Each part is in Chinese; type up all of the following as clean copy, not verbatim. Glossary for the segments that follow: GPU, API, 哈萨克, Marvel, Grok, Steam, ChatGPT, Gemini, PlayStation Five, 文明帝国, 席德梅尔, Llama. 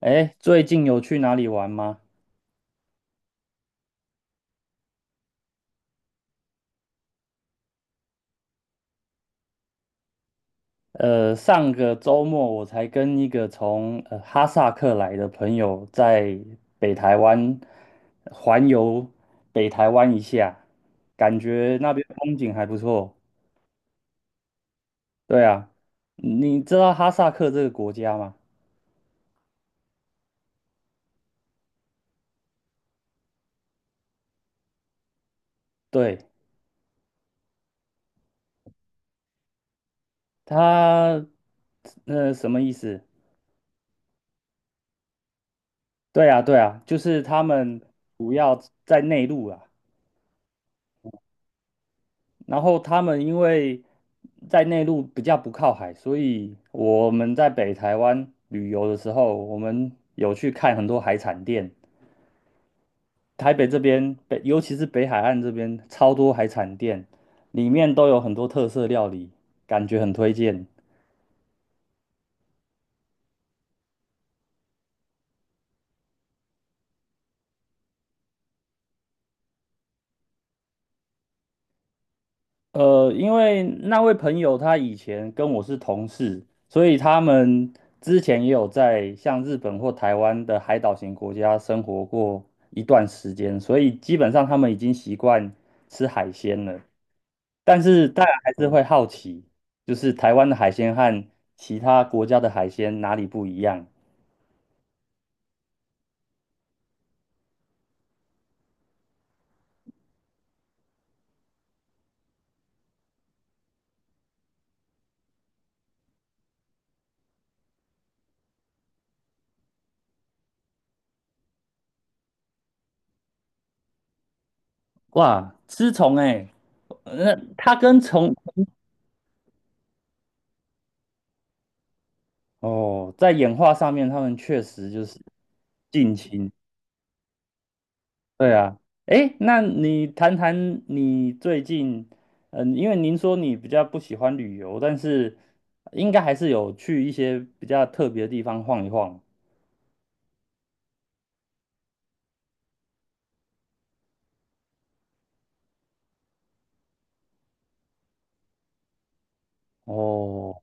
哎，最近有去哪里玩吗？上个周末我才跟一个从哈萨克来的朋友在北台湾环游北台湾一下，感觉那边风景还不错。对啊，你知道哈萨克这个国家吗？对，它什么意思？对啊，对啊，就是他们主要在内陆啊。然后他们因为在内陆比较不靠海，所以我们在北台湾旅游的时候，我们有去看很多海产店。台北这边北，尤其是北海岸这边，超多海产店，里面都有很多特色料理，感觉很推荐。因为那位朋友他以前跟我是同事，所以他们之前也有在像日本或台湾的海岛型国家生活过一段时间，所以基本上他们已经习惯吃海鲜了。但是大家还是会好奇，就是台湾的海鲜和其他国家的海鲜哪里不一样？哇，吃虫哎、那它跟虫哦，在演化上面，他们确实就是近亲。对啊，诶，那你谈谈你最近，嗯，因为您说你比较不喜欢旅游，但是应该还是有去一些比较特别的地方晃一晃。哦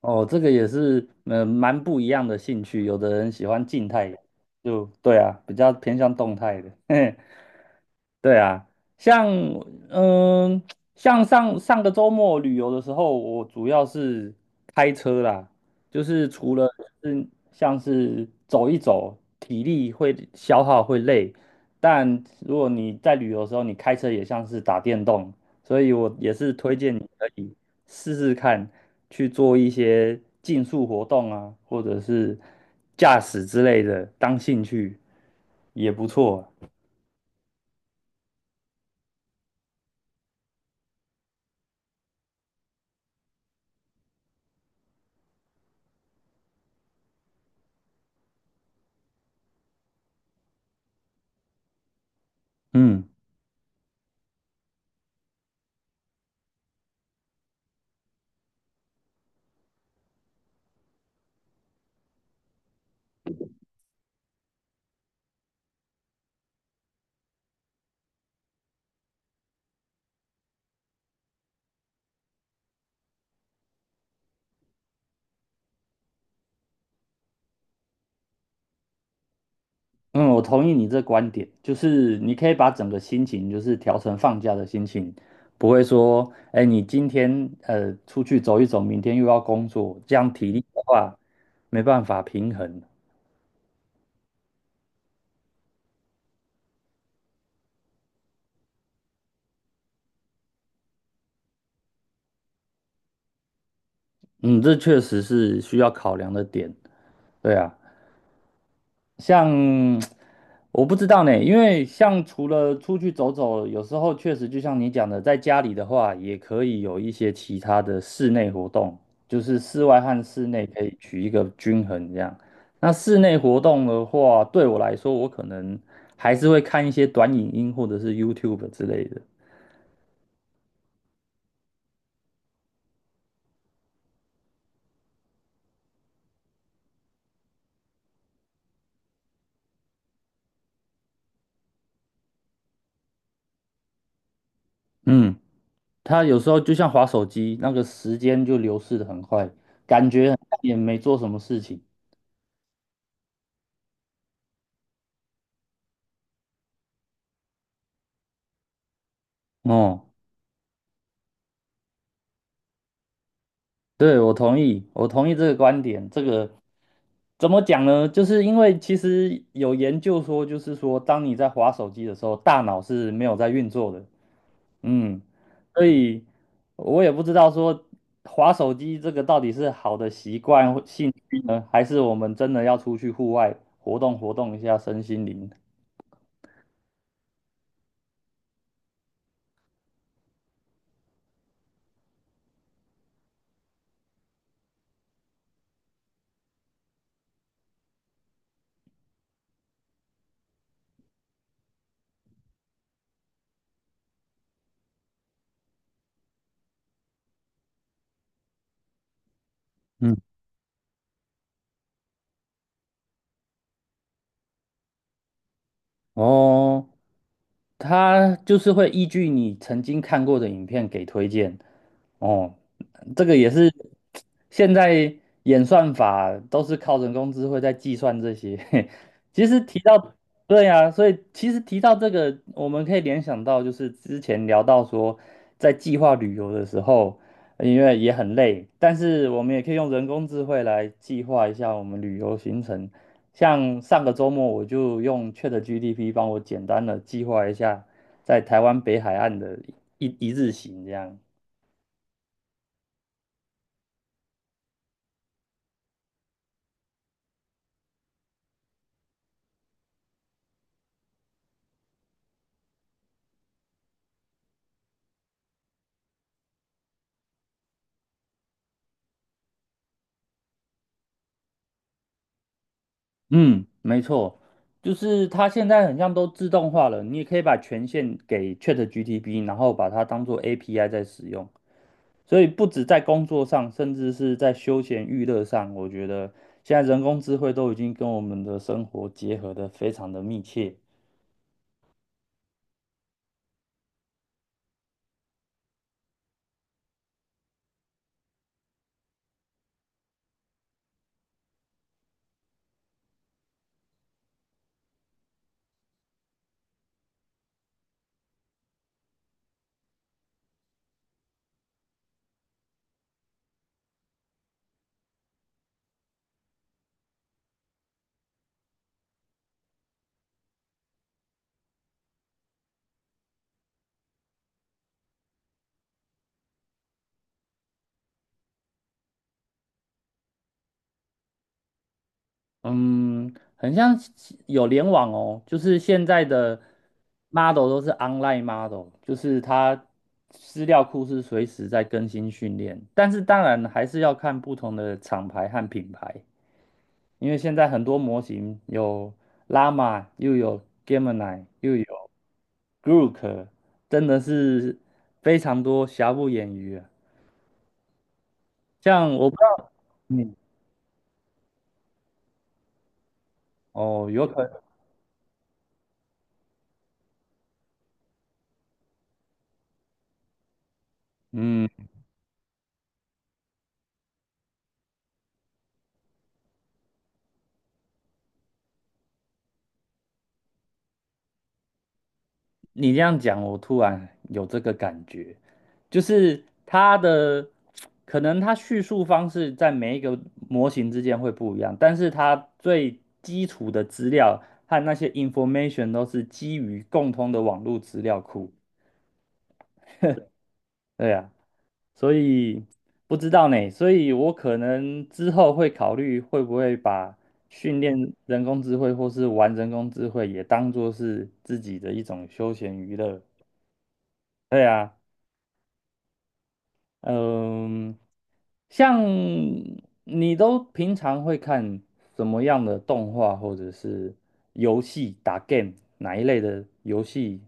哦，这个也是，嗯，蛮不一样的兴趣。有的人喜欢静态的，就对啊，比较偏向动态的。对啊，像嗯，像上个周末旅游的时候，我主要是开车啦，就是除了是像是走一走，体力会消耗会累，但如果你在旅游的时候，你开车也像是打电动，所以我也是推荐你可以试试看去做一些竞速活动啊，或者是驾驶之类的，当兴趣也不错啊。嗯。嗯，我同意你这观点，就是你可以把整个心情就是调成放假的心情，不会说，哎，你今天出去走一走，明天又要工作，这样体力的话没办法平衡。嗯，这确实是需要考量的点。对啊，像我不知道呢，因为像除了出去走走，有时候确实就像你讲的，在家里的话，也可以有一些其他的室内活动，就是室外和室内可以取一个均衡这样。那室内活动的话，对我来说，我可能还是会看一些短影音或者是 YouTube 之类的。嗯，它有时候就像滑手机，那个时间就流逝的很快，感觉好像也没做什么事情。哦。对，我同意，我同意这个观点。这个怎么讲呢？就是因为其实有研究说，就是说，当你在滑手机的时候，大脑是没有在运作的。嗯，所以我也不知道说滑手机这个到底是好的习惯或兴趣呢，还是我们真的要出去户外活动活动一下身心灵？嗯，哦。它就是会依据你曾经看过的影片给推荐。哦，这个也是现在演算法都是靠人工智慧在计算这些。其实提到，对呀，所以其实提到这个，我们可以联想到就是之前聊到说，在计划旅游的时候，因为也很累，但是我们也可以用人工智慧来计划一下我们旅游行程，像上个周末我就用 ChatGPT 帮我简单的计划一下在台湾北海岸的一日行，这样。嗯，没错，就是它现在很像都自动化了，你也可以把权限给 ChatGPT，然后把它当做 API 在使用。所以不止在工作上，甚至是在休闲娱乐上，我觉得现在人工智慧都已经跟我们的生活结合的非常的密切。嗯，很像有联网哦，就是现在的 model 都是 online model，就是它资料库是随时在更新训练，但是当然还是要看不同的厂牌和品牌，因为现在很多模型有 Llama，又有 Gemini，又有 Grok，真的是非常多，瑕不掩瑜啊。像我不知道，嗯，哦，有可能，嗯。你这样讲，我突然有这个感觉，就是它的可能它叙述方式在每一个模型之间会不一样，但是它最基础的资料和那些 information 都是基于共通的网络资料库。对啊，所以不知道呢，所以我可能之后会考虑会不会把训练人工智慧或是玩人工智慧也当做是自己的一种休闲娱乐。对啊。嗯，像你都平常会看什么样的动画或者是游戏打 game 哪一类的游戏，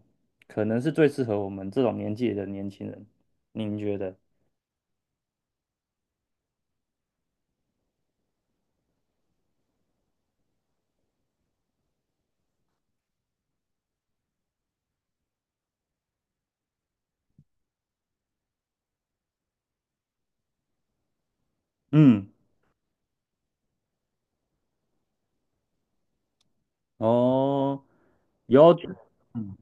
可能是最适合我们这种年纪的年轻人？您觉得？嗯，哦，有，嗯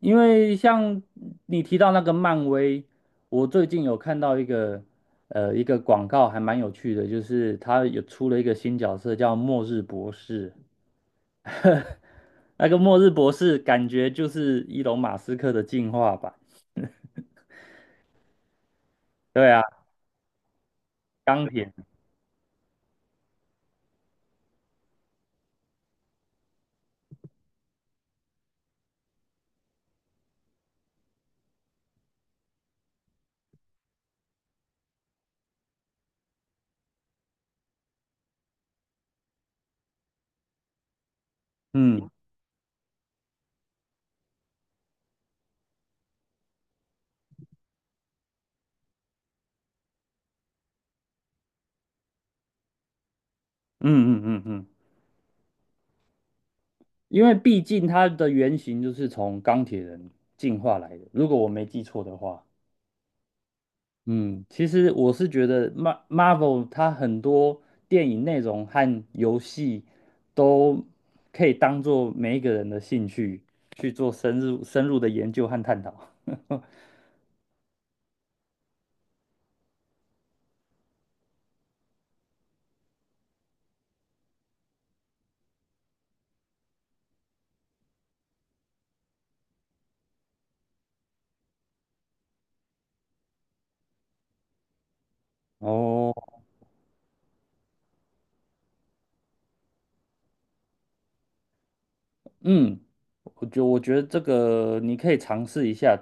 因为像你提到那个漫威，我最近有看到一个一个广告，还蛮有趣的，就是他有出了一个新角色叫末日博士，那个末日博士感觉就是伊隆马斯克的进化版。对啊，钢铁，嗯嗯，因为毕竟他的原型就是从钢铁人进化来的，如果我没记错的话。嗯，其实我是觉得 Marvel 它很多电影内容和游戏都可以当做每一个人的兴趣去做深入的研究和探讨。哦，嗯，我觉得这个你可以尝试一下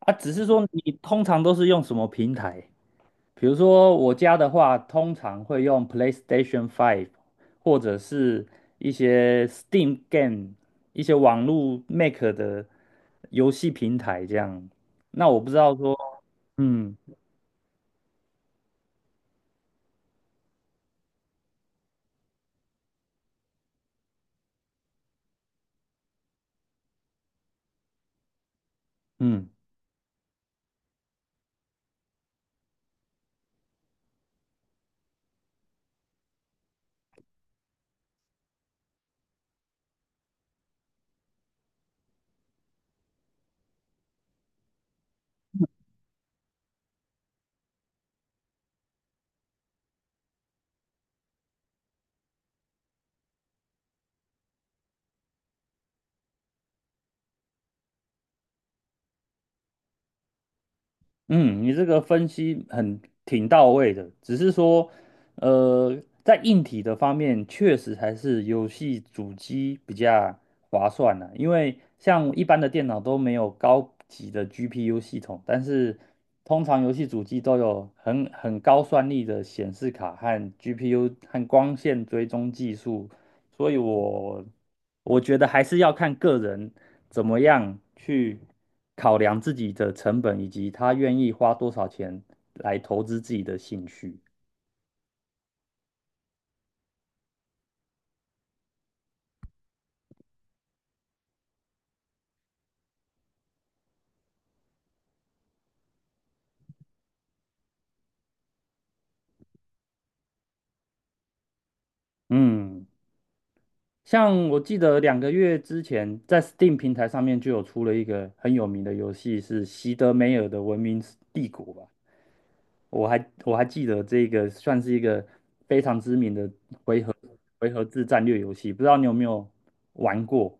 啊，只是说你通常都是用什么平台？比如说我家的话，通常会用 PlayStation Five，或者是一些 Steam Game，一些网络 Make 的游戏平台这样。那我不知道说，嗯嗯，嗯，你这个分析很挺到位的，只是说，呃，在硬体的方面，确实还是游戏主机比较划算的，因为像一般的电脑都没有高级的 GPU 系统，但是通常游戏主机都有很高算力的显示卡和 GPU 和光线追踪技术所以我觉得还是要看个人怎么样去考量自己的成本，以及他愿意花多少钱来投资自己的兴趣。嗯，像我记得两个月之前，在 Steam 平台上面就有出了一个很有名的游戏，是席德梅尔的《文明帝国》吧？我还记得这个算是一个非常知名的回合回合制战略游戏，不知道你有没有玩过？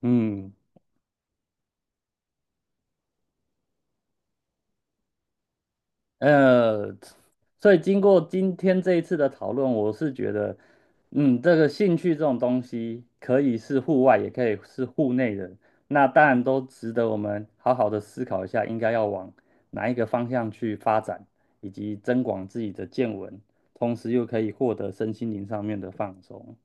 嗯。呃，所以经过今天这一次的讨论，我是觉得，嗯，这个兴趣这种东西可以是户外，也可以是户内的，那当然都值得我们好好的思考一下，应该要往哪一个方向去发展，以及增广自己的见闻，同时又可以获得身心灵上面的放松。